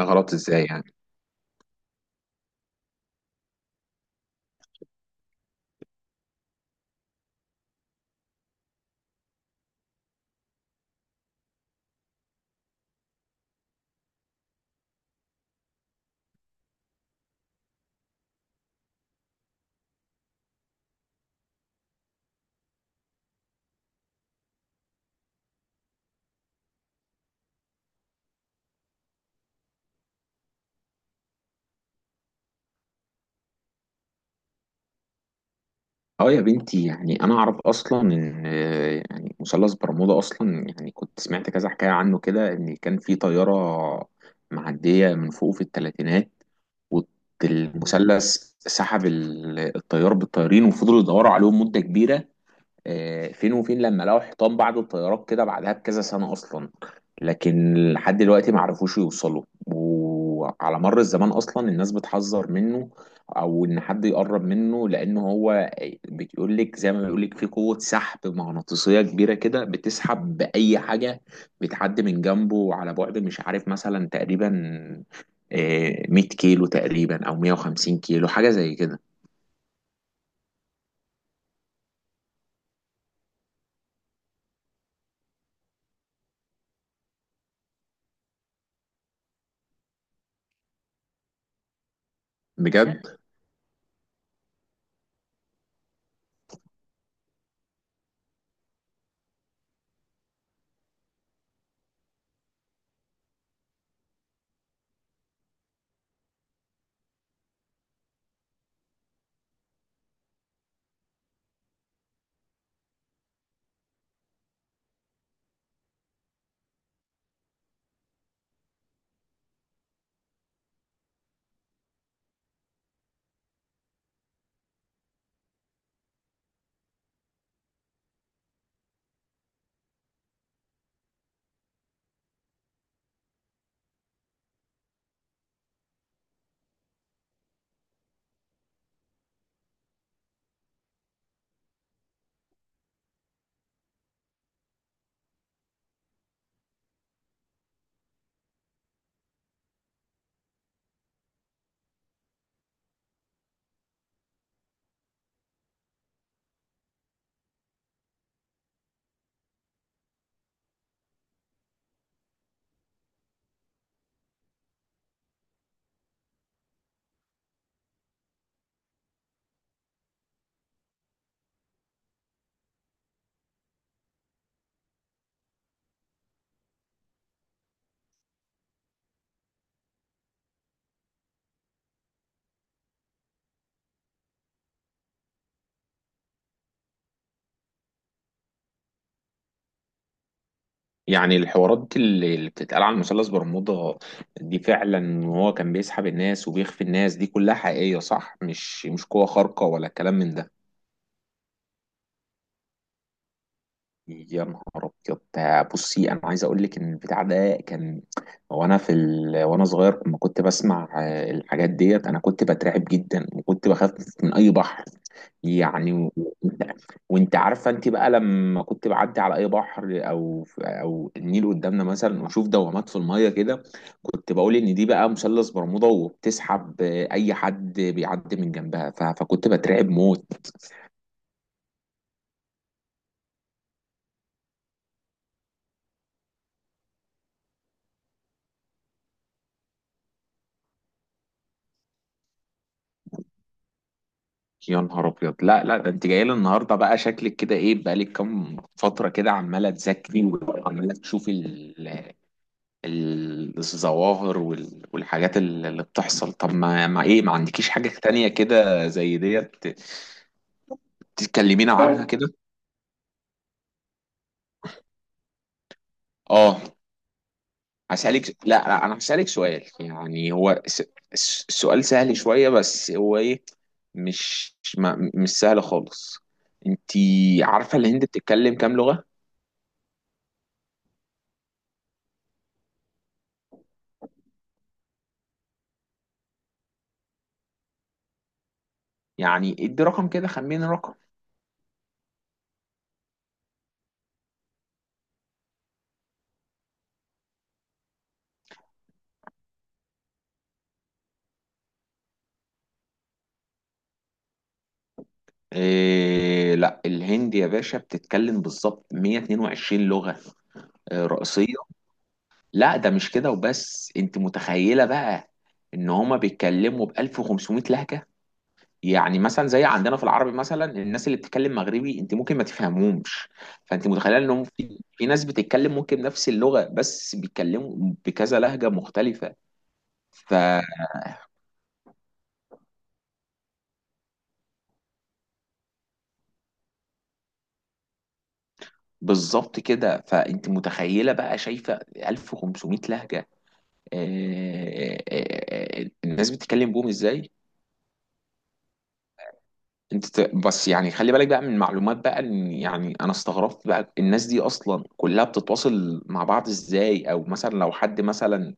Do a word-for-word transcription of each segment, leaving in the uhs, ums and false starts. غلط ازاي يعني؟ اه يا بنتي، يعني انا اعرف اصلا ان آه، يعني مثلث برمودا اصلا، يعني كنت سمعت كذا حكايه عنه كده ان كان في طياره معديه من فوق في الثلاثينات، والمثلث سحب ال- الطيار بالطيارين، وفضلوا يدوروا عليهم مده كبيره. آه، فين وفين لما لقوا حيطان بعض الطيارات كده بعدها بكذا سنة أصلا. لكن لحد دلوقتي ما عرفوش يوصلوا، وعلى مر الزمان أصلا الناس بتحذر منه أو إن حد يقرب منه، لأن هو بيقول لك، زي ما بيقول لك، في قوة سحب مغناطيسية كبيرة كده بتسحب بأي حاجة بتعدي من جنبه على بعد مش عارف مثلا تقريبا، آه، مية كيلو تقريبا أو مية وخمسين كيلو، حاجة زي كده. بجد؟ يعني الحوارات اللي اللي بتتقال على مثلث برمودا دي فعلا، وهو كان بيسحب الناس وبيخفي الناس، دي كلها حقيقية صح؟ مش مش قوة خارقة ولا كلام من ده؟ يا نهار ابيض! ده بصي، انا عايز اقول لك ان البتاع ده كان، وانا في ال... وانا صغير لما كنت بسمع، آه، الحاجات ديت انا كنت بترعب جدا، وكنت بخاف من اي بحر، يعني و- وانت، وانت عارفه انت بقى، لما كنت بعدي على اي بحر او او النيل قدامنا مثلا واشوف دوامات في الميه كده، كنت بقول ان دي بقى مثلث برمودا وبتسحب آه، اي حد بيعدي من جنبها، ف... فكنت بترعب موت. يا نهار ابيض! لا لا ده انت جاي لي النهارده بقى شكلك كده ايه؟ بقالك كام فتره كده عماله تذاكري وعماله تشوفي ال- ال- الظواهر وال- والحاجات ال- اللي بتحصل. طب ما ما ايه، ما عندكيش حاجه تانية كده زي ديت تتكلمينا عنها كده؟ اه. هسألك، لا لا انا هسألك سؤال، يعني هو س... س- السؤال سهل شوية، بس هو ايه، مش ما... مش سهل خالص. انتي عارفة الهند بتتكلم كام لغة؟ يعني ادي رقم كده، خمن رقم. إيه؟ لا، الهند يا باشا بتتكلم بالظبط مية واتنين وعشرين لغة آه، رئيسية. لا ده مش كده وبس، انت متخيلة بقى ان هما بيتكلموا ب ألف وخمسمائة لهجة؟ يعني مثلا زي عندنا في العربي، مثلا الناس اللي بتتكلم مغربي انت ممكن ما تفهمهمش. فانت متخيلة ان هم في في ناس بتتكلم ممكن نفس اللغة بس بيتكلموا بكذا لهجة مختلفة. فبالظبط كده. فانت متخيلة بقى، شايفة ألف وخمسمية لهجة، آه، آه، آه، آه، آه، الناس بتتكلم بهم ازاي؟ انت ت- بس يعني خلي بالك بقى من معلومات بقى، ان يعني انا استغربت بقى الناس دي اصلا كلها بتتواصل مع بعض ازاي، او مثلا لو حد مثلا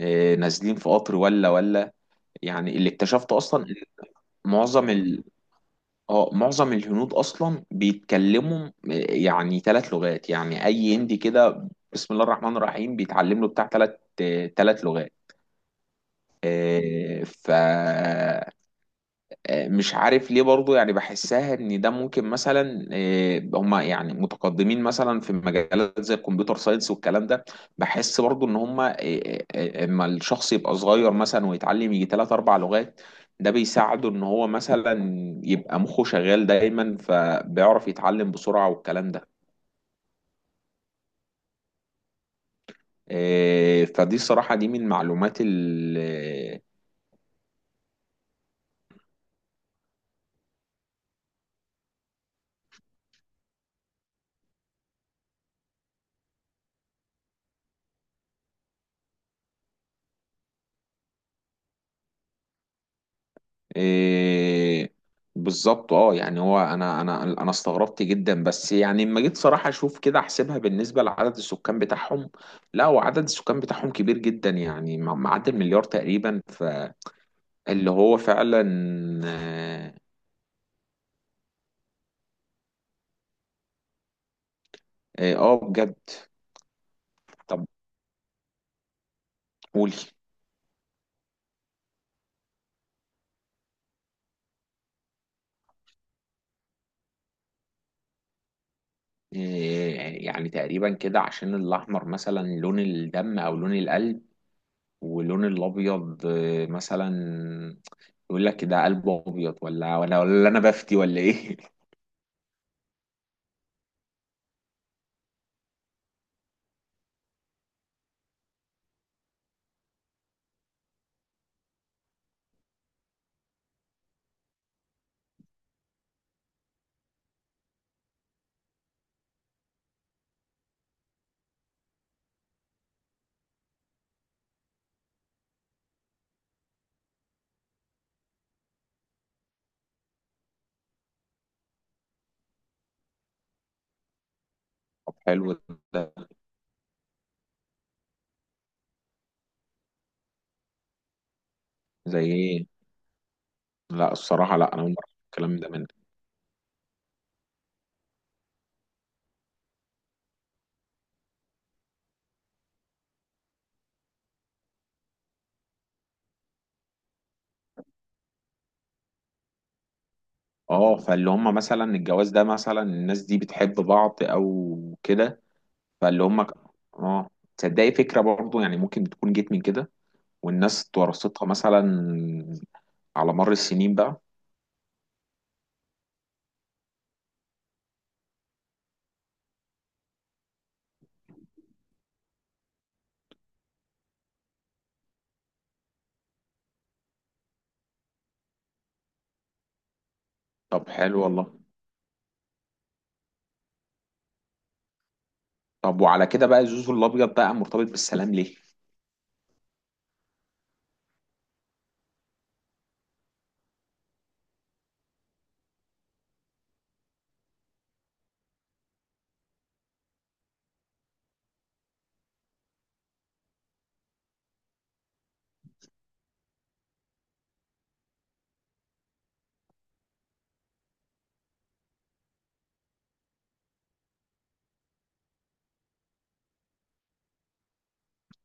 آه، نازلين في قطر ولا ولا يعني اللي اكتشفته اصلا إن معظم ال... اه معظم الهنود اصلا بيتكلموا، آه، يعني ثلاث لغات. يعني اي هندي كده بسم الله الرحمن الرحيم بيتعلم له بتاع ثلاث، ثلاث لغات. آه، ف آه، مش عارف ليه برضو، يعني بحسها ان ده ممكن، مثلا آه، هم يعني متقدمين مثلا في مجالات زي الكمبيوتر ساينس والكلام ده. بحس برضو ان هم، آه، آه، آه، اما الشخص يبقى صغير مثلا ويتعلم يجي ثلاث اربع لغات، ده بيساعده ان هو مثلا يبقى مخه شغال دايما، فبيعرف يتعلم بسرعة والكلام ده. آه، فدي الصراحة دي من المعلومات ال- إيه. بالظبط. اه يعني هو، انا انا انا استغربت جدا، بس يعني لما جيت صراحه اشوف كده احسبها بالنسبه لعدد السكان بتاعهم، لا هو عدد السكان بتاعهم كبير جدا يعني، مع- معدي المليار تقريبا، فاللي هو فعلا اه. آه، بجد؟ طب قولي. إيه؟ يعني تقريبا كده عشان الاحمر مثلا لون الدم او لون القلب، واللون الابيض آه، مثلا يقول لك ده قلبه ابيض، ولا ولا ولا انا بفتي ولا ايه؟ طب حلو ده. زي ايه؟ لا الصراحه، لا انا اول مره أسمع الكلام ده منك. اه، فاللي هم مثلا الجواز ده مثلا الناس دي بتحب بعض او كده، فاللي هم ك- اه. تصدقي فكره، برضو يعني ممكن تكون جيت من كده، والناس ورثتها مثلا على مر السنين بقى. طب حلو والله. طب وعلى كده بقى الزوز الابيض بقى مرتبط بالسلام ليه؟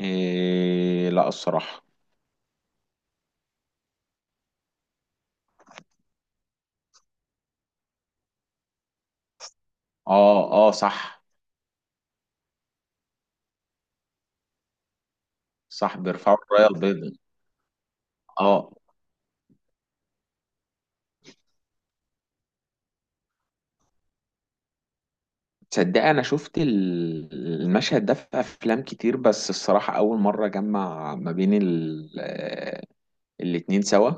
إيه؟ لا الصراحه. اه اه صح. صح، بيرفعوا الرايه البيضاء. اه. تصدق انا شفت ال- المشهد ده في افلام كتير، بس الصراحه اول مره جمع ما بين ال- آه، الاتنين سوا.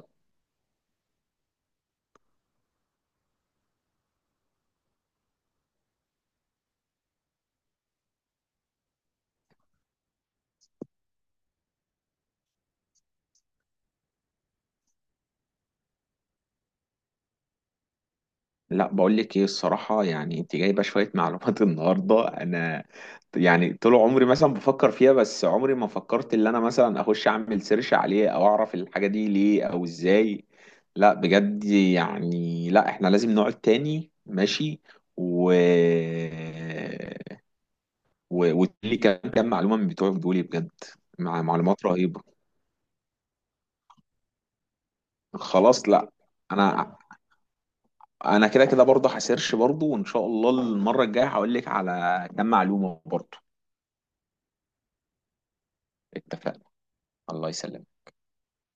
لا بقول لك ايه الصراحه، يعني انت جايبه شويه معلومات النهارده انا يعني طول عمري مثلا بفكر فيها، بس عمري ما فكرت ان انا مثلا اخش اعمل سيرش عليه او اعرف الحاجه دي ليه او ازاي. لا بجد يعني، لا احنا لازم نقعد تاني، ماشي؟ و و- وتقولي كام، كام معلومه من بتوعك دول بجد. مع معلومات رهيبه. خلاص، لا انا، انا كده كده برضه هسيرش برضه، وان شاء الله المره الجايه هقول لك على كام معلومه برضه. اتفقنا. الله يسلمك.